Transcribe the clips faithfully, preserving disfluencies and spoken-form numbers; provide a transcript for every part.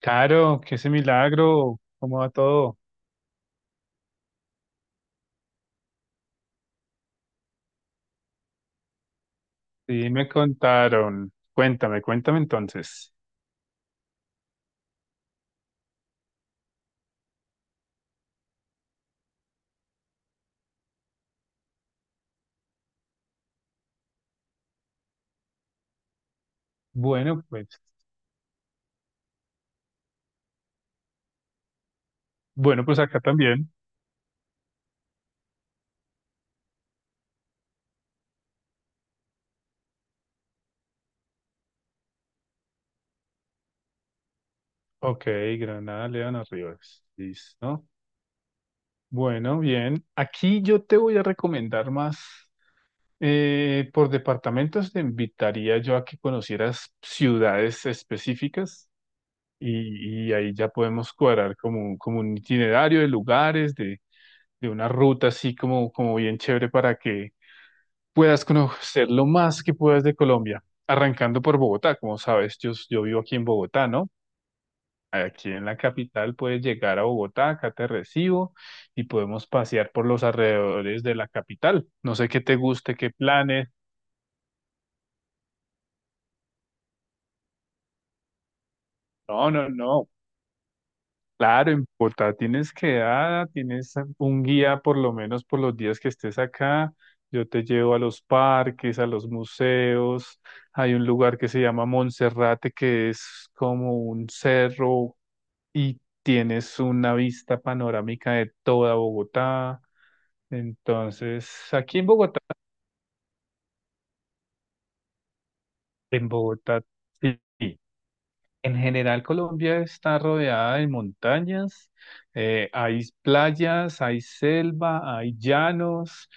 Caro, qué ese milagro, ¿cómo va todo? Sí, me contaron. Cuéntame, cuéntame entonces. Bueno, pues, bueno, pues acá también. Ok, Granada, León, Rivas. Listo. Bueno, bien. Aquí yo te voy a recomendar más. Eh, por departamentos te invitaría yo a que conocieras ciudades específicas y, y ahí ya podemos cuadrar como, un- como un itinerario de lugares, de, de una ruta así como, como bien chévere para que puedas conocer lo más que puedas de Colombia, arrancando por Bogotá. Como sabes, yo, yo vivo aquí en Bogotá, ¿no? Aquí en la capital puedes llegar a Bogotá, acá te recibo y podemos pasear por los alrededores de la capital. No sé qué te guste, qué planes. No, no, no. Claro, en Bogotá tienes quedada, tienes un guía por lo menos por los días que estés acá. Yo te llevo a los parques, a los museos. Hay un lugar que se llama Monserrate, que es como un cerro y tienes una vista panorámica de toda Bogotá. Entonces, aquí en Bogotá, en Bogotá, sí. Sí. En general, Colombia está rodeada de montañas. Eh, hay playas, hay selva, hay llanos,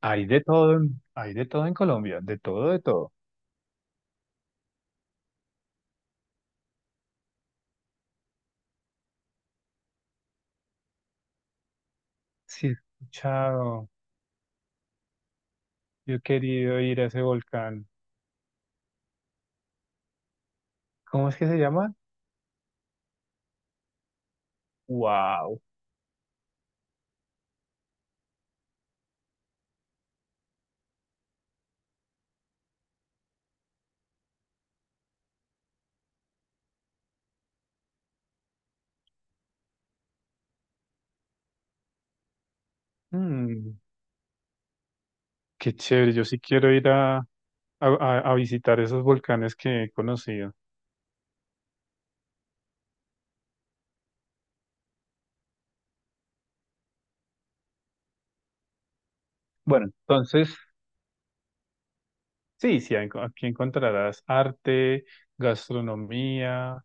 hay de todo. En- hay de todo en Colombia, de todo, de todo. Sí, he escuchado, yo he querido ir a ese volcán. ¿Cómo es que se llama? Wow. Mm, qué chévere, yo sí quiero ir a a, a- a visitar esos volcanes que he conocido. Bueno, entonces, sí, sí, ahí enco- aquí encontrarás arte, gastronomía,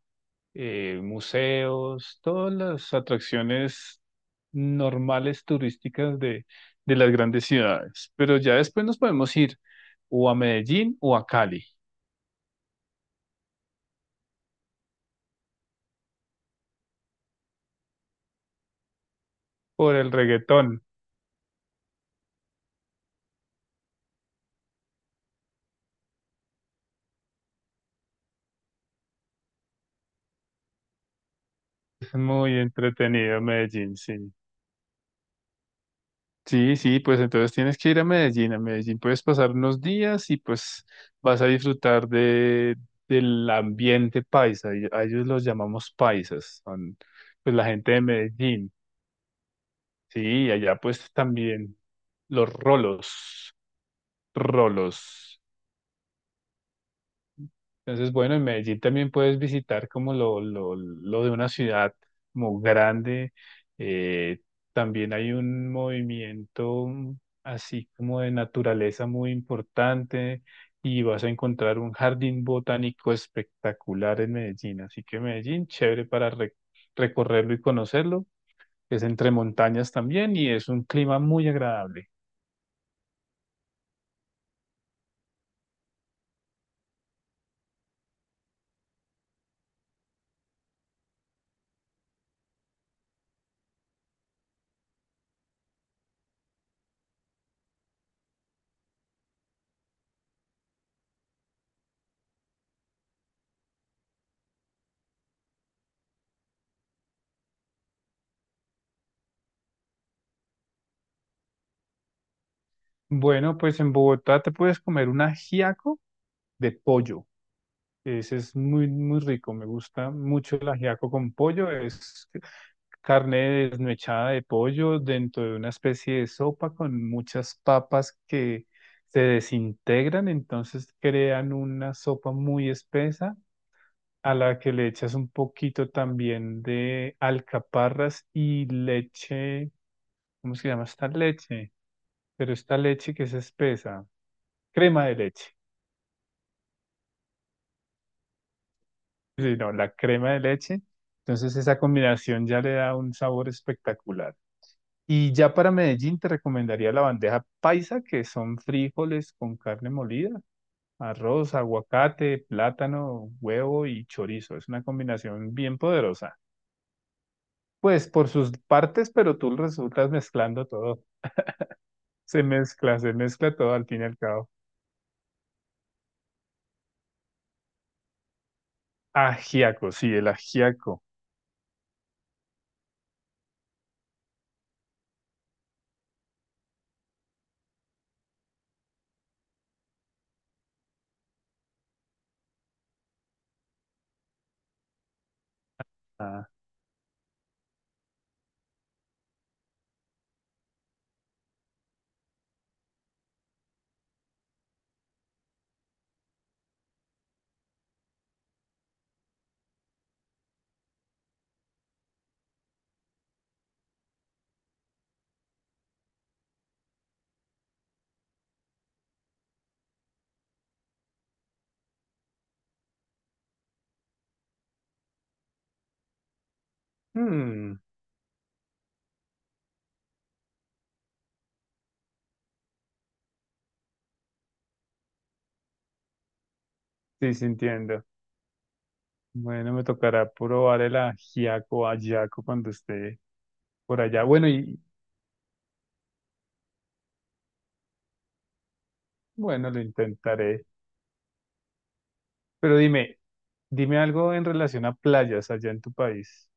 eh, museos, todas las atracciones normales turísticas de, de las grandes ciudades. Pero ya después nos podemos ir o a Medellín o a Cali por el reggaetón. Es muy entretenido Medellín, sí. Sí, sí, pues entonces tienes que ir a Medellín. A Medellín puedes pasar unos días y pues vas a disfrutar de, del ambiente paisa. Y a ellos los llamamos paisas, son pues la gente de Medellín. Sí, y allá pues también los rolos, rolos. Entonces, bueno, en Medellín también puedes visitar como lo, lo, lo de una ciudad como grande. Eh, También hay un movimiento así como de naturaleza muy importante y vas a encontrar un jardín botánico espectacular en Medellín. Así que Medellín, chévere para re- recorrerlo y conocerlo. Es entre montañas también y es un clima muy agradable. Bueno, pues en Bogotá te puedes comer un ajiaco de pollo. Ese es muy, muy rico. Me gusta mucho el ajiaco con pollo. Es carne desmechada de pollo dentro de una especie de sopa con muchas papas que se desintegran, entonces crean una sopa muy espesa a la que le echas un poquito también de alcaparras y leche. ¿Cómo se llama esta leche? Pero esta leche que es espesa, crema de leche. Sí, no, la crema de leche. Entonces esa combinación ya le da un sabor espectacular. Y ya para Medellín te recomendaría la bandeja paisa, que son frijoles con carne molida, arroz, aguacate, plátano, huevo y chorizo. Es una combinación bien poderosa. Pues por sus partes, pero tú resultas mezclando todo. Se mezcla, se mezcla todo al fin y al cabo. Ajiaco, sí, el ajiaco. Ah, mm, sí, sintiendo. Bueno, me tocará probar el ajiaco, ajiaco cuando esté por allá. Bueno, y bueno, lo intentaré. Pero dime, dime algo en relación a playas allá en tu país.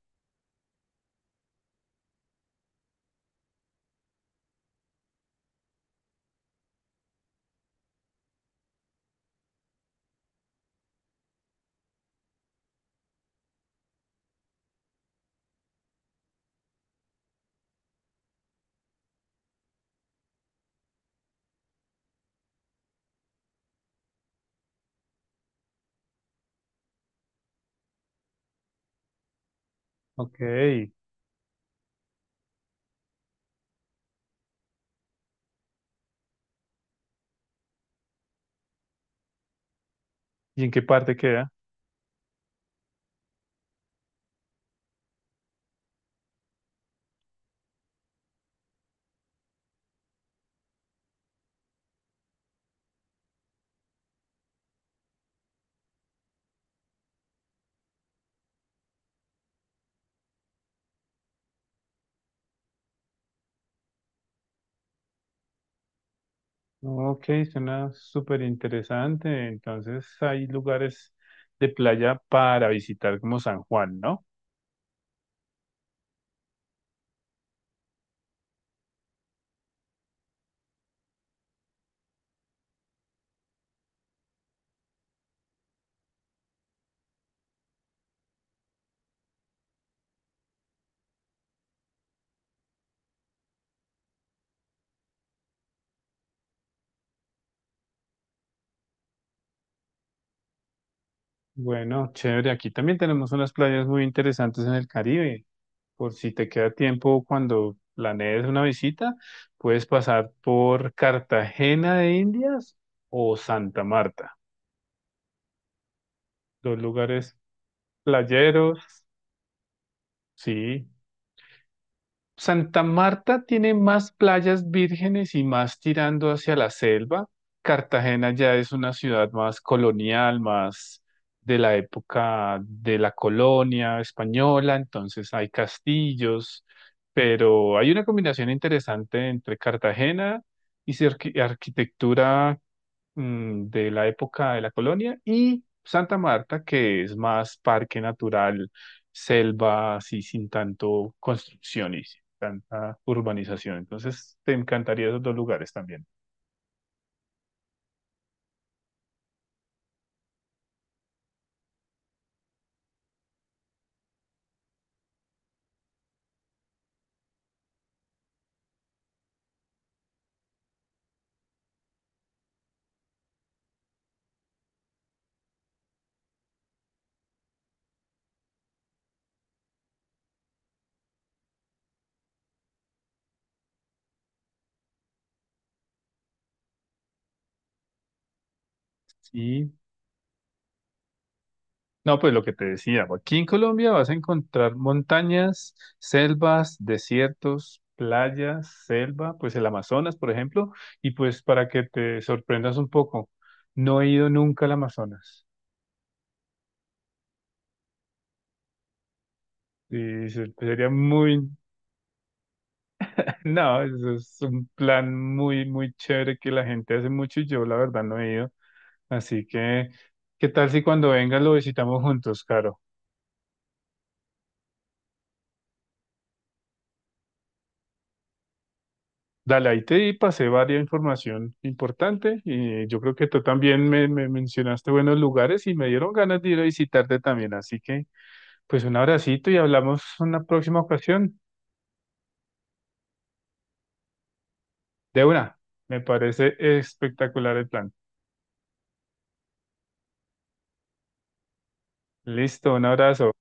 Ok, ¿y en qué parte queda? Ok, suena súper interesante. Entonces hay lugares de playa para visitar como San Juan, ¿no? Bueno, chévere. Aquí también tenemos unas playas muy interesantes en el Caribe. Por si te queda tiempo cuando planees una visita, puedes pasar por Cartagena de Indias o Santa Marta. Dos lugares playeros, sí, Santa Marta tiene más playas vírgenes y más tirando hacia la selva. Cartagena ya es una ciudad más colonial, más de la época de la colonia española, entonces hay castillos, pero hay una combinación interesante entre Cartagena y su arqui- arquitectura, mm, de la época de la colonia, y Santa Marta, que es más parque natural, selva, así sin tanto construcción y sin tanta urbanización. Entonces, te encantaría esos dos lugares también. Y no, pues lo que te decía, aquí en Colombia vas a encontrar montañas, selvas, desiertos, playas, selva, pues el Amazonas, por ejemplo, y pues para que te sorprendas un poco, no he ido nunca al Amazonas. Y se- sería muy... No, eso es un plan muy, muy chévere que la gente hace mucho y yo la verdad no he ido. Así que, ¿qué tal si cuando venga lo visitamos juntos, Caro? Dale, ahí te pasé varias información importante y yo creo que tú también me, me mencionaste buenos lugares y me dieron ganas de ir a visitarte también. Así que, pues un abracito y hablamos una próxima ocasión. De una, me parece espectacular el plan. Listo, un abrazo.